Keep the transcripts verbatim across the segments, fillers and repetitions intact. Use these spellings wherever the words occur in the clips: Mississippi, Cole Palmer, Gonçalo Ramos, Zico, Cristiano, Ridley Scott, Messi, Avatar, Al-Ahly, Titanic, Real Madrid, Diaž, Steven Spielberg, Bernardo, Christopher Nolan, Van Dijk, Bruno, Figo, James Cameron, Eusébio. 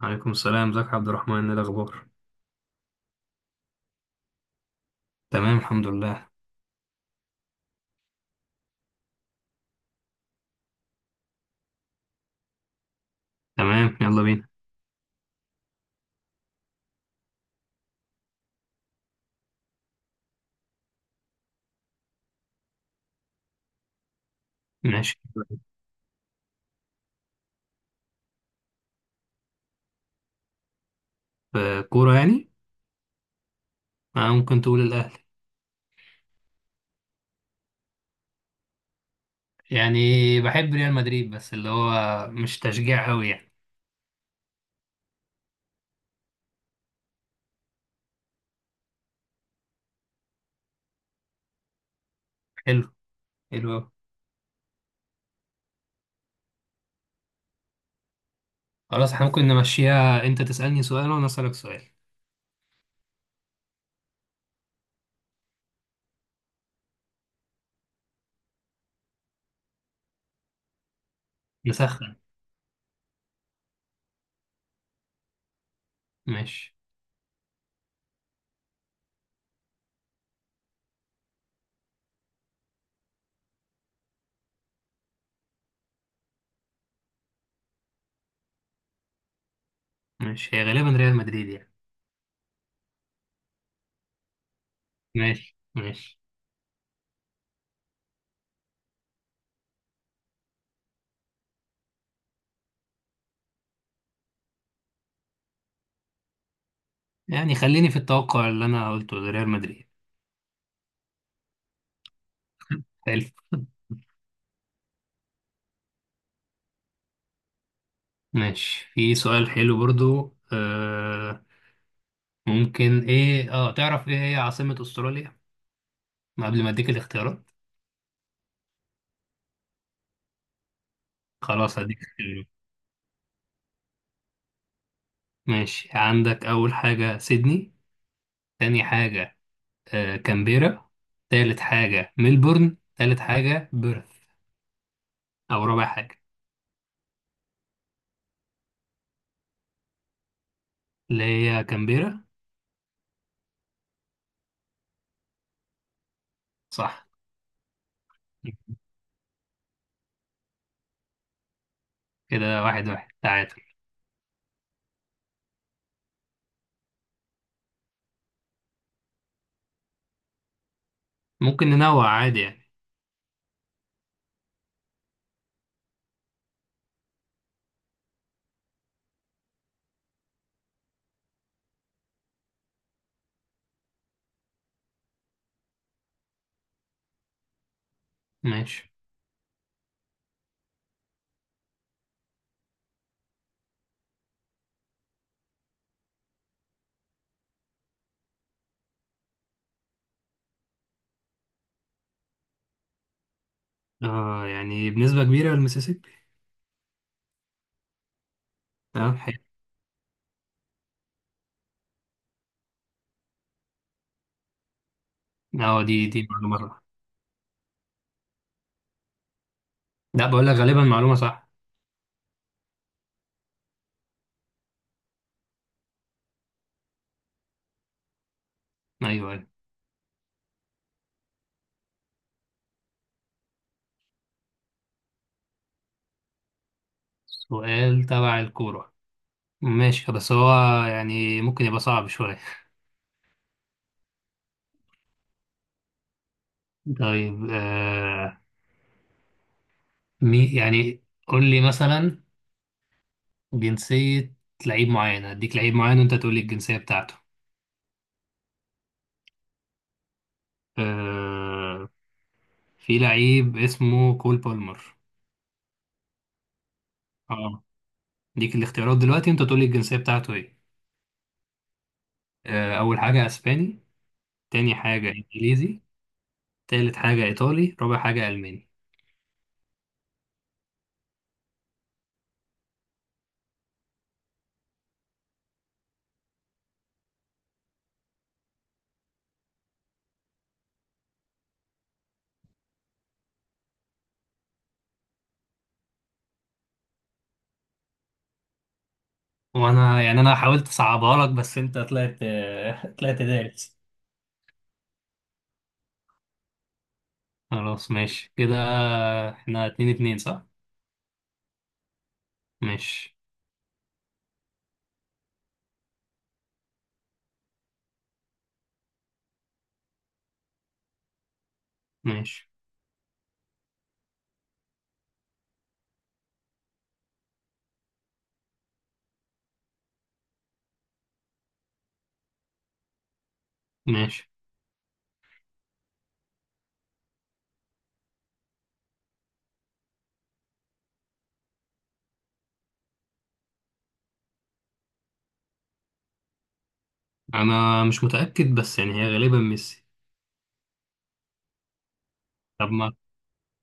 عليكم السلام، ازيك يا عبد الرحمن؟ ايه الاخبار؟ تمام الحمد لله. تمام، يلا بينا. ماشي. في كورة يعني؟ آه ممكن تقول الاهلي. يعني بحب ريال مدريد، بس اللي هو مش تشجيع قوي يعني. حلو. حلو قوي. خلاص، احنا ممكن نمشيها، انت تسألني سؤال وانا اسألك سؤال. نسخن. ماشي. ماشي، هي غالبا ريال مدريد يعني. ماشي ماشي. يعني خليني في التوقع اللي انا قلته لريال مدريد. حلو. ماشي، في سؤال حلو برضو. آه ممكن ايه اه تعرف ايه هي عاصمة استراليا؟ ما قبل ما اديك الاختيارات. خلاص هديك اختيارات. ماشي، عندك اول حاجة سيدني، تاني حاجة آه كامبيرا، تالت حاجة ملبورن، تالت حاجة بيرث، او رابع حاجة. اللي هي كامبيرا. صح. كده واحد واحد تعادل. ممكن ننوع عادي يعني. ماشي. اه يعني بنسبة كبيرة المسيسيبي. تمام حلو. اه دي دي معلومة صح. لا، بقول لك غالبا معلومة صح. ايوه ايوه. سؤال تبع الكورة. ماشي بس هو يعني ممكن يبقى صعب شوية. طيب. آه مي يعني قول لي مثلا جنسية لعيب معين، هديك لعيب معين وانت تقول لي الجنسية بتاعته. آه في لعيب اسمه كول بالمر. اه، اديك الاختيارات دلوقتي انت تقول لي الجنسية بتاعته ايه. آه اول حاجة اسباني، تاني حاجة انجليزي، تالت حاجة ايطالي، رابع حاجة الماني. وانا يعني انا حاولت اصعبها لك بس انت طلعت. طلعت دارس. خلاص ماشي كده، احنا اتنين اتنين صح؟ ماشي. ماشي. ماشي. انا مش متأكد بس يعني هي غالبا ميسي. طب ما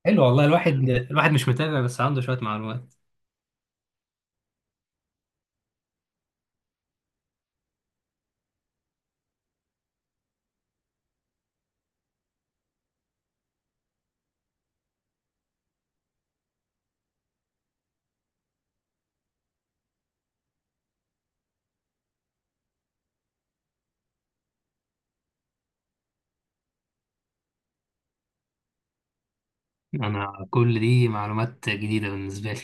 حلو والله، الواحد الواحد مش متابع بس عنده شوية معلومات. انا كل دي معلومات جديدة بالنسبة لي.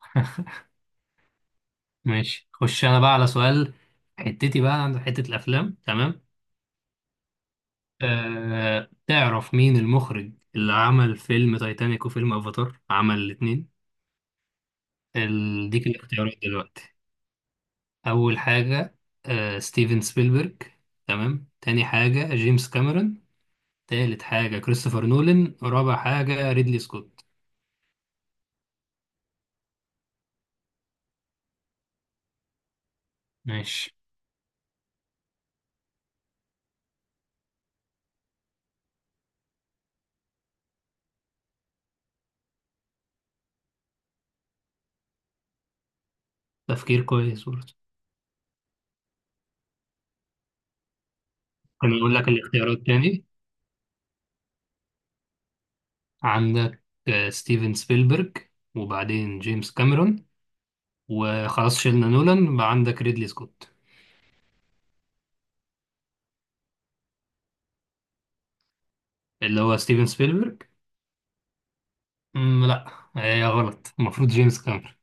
ماشي، خش انا بقى على سؤال. حتتي بقى عند حتة الافلام. تمام. أه... تعرف مين المخرج اللي عمل فيلم تايتانيك وفيلم افاتار؟ عمل الاتنين. ال- ديك الاختيارات دلوقتي. أول حاجة آه، ستيفن سبيلبرج، تمام، تاني حاجة جيمس كاميرون، تالت حاجة كريستوفر نولان، رابع حاجة ريدلي سكوت. ماشي. تفكير كويس برضه. كان يقول لك الاختيارات تاني. عندك آه، ستيفن سبيلبرج، وبعدين جيمس كاميرون، وخلاص شلنا نولان، بقى عندك ريدلي سكوت. اللي هو ستيفن سبيلبرج. مم، لا. هي غلط، المفروض جيمس كاميرون.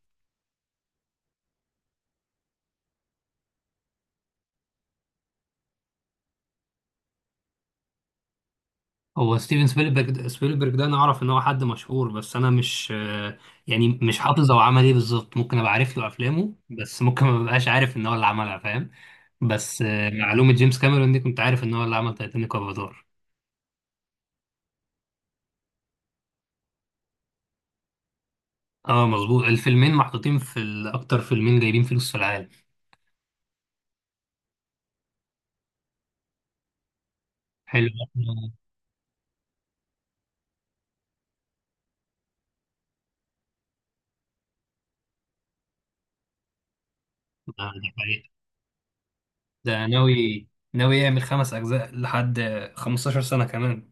هو ستيفن سبيلبرج سبيلبرج ده انا اعرف ان هو حد مشهور بس انا مش آه، يعني مش حافظ هو عمل ايه بالظبط، ممكن ابقى عارف له افلامه بس ممكن ما ببقاش عارف ان هو اللي عملها، فاهم. بس آه، معلومة جيمس كاميرون دي كنت عارف ان هو اللي عمل تايتانيك وافاتار. اه مظبوط، الفيلمين محطوطين في ال- اكتر فيلمين جايبين فلوس في العالم. حلو. آه، ده حقيقة. ده ناوي ناوي يعمل خمس اجزاء لحد خمستاشر سنة كمان.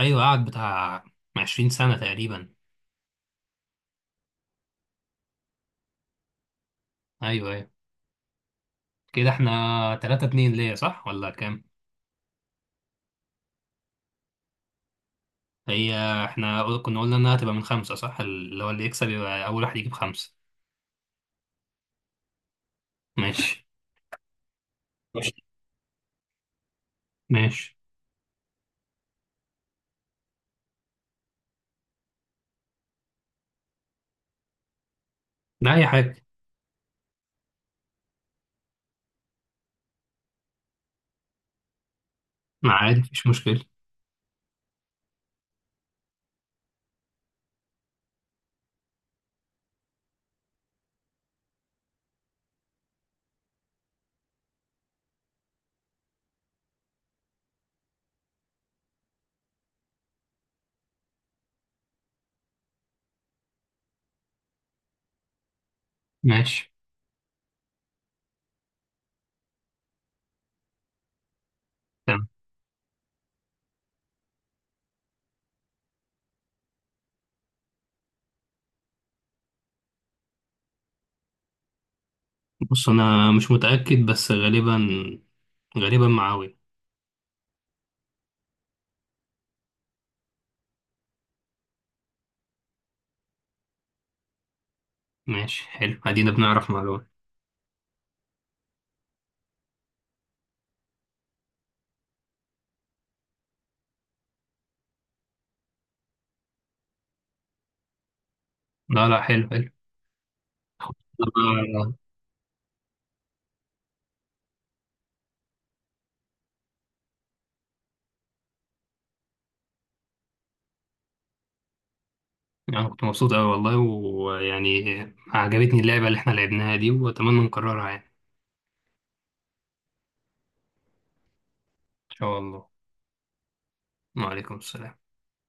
ايوه، قعد بتاع عشرين سنة تقريبا. ايوه ايوه. كده احنا تلاتة اتنين ليا صح ولا كام؟ هي احنا قل- كنا قلنا انها تبقى من خمسة صح، اللي هو اللي يكسب يبقى اول واحد يجيب خمسة. ماشي. ماشي. ماشي. لا اي حاجة. ما عادي مفيش مشكلة. ماشي تمام. بص انا مش متأكد بس غالبا، غالبا معاوية. ماشي، حلو، ادينا بنعرف معلومة. لا لا، حلو حلو. انا أنا كنت مبسوط اوي والله، ويعني عجبتني اللعبة اللي احنا لعبناها دي واتمنى نكررها يعني. ان شاء الله. وعليكم السلام.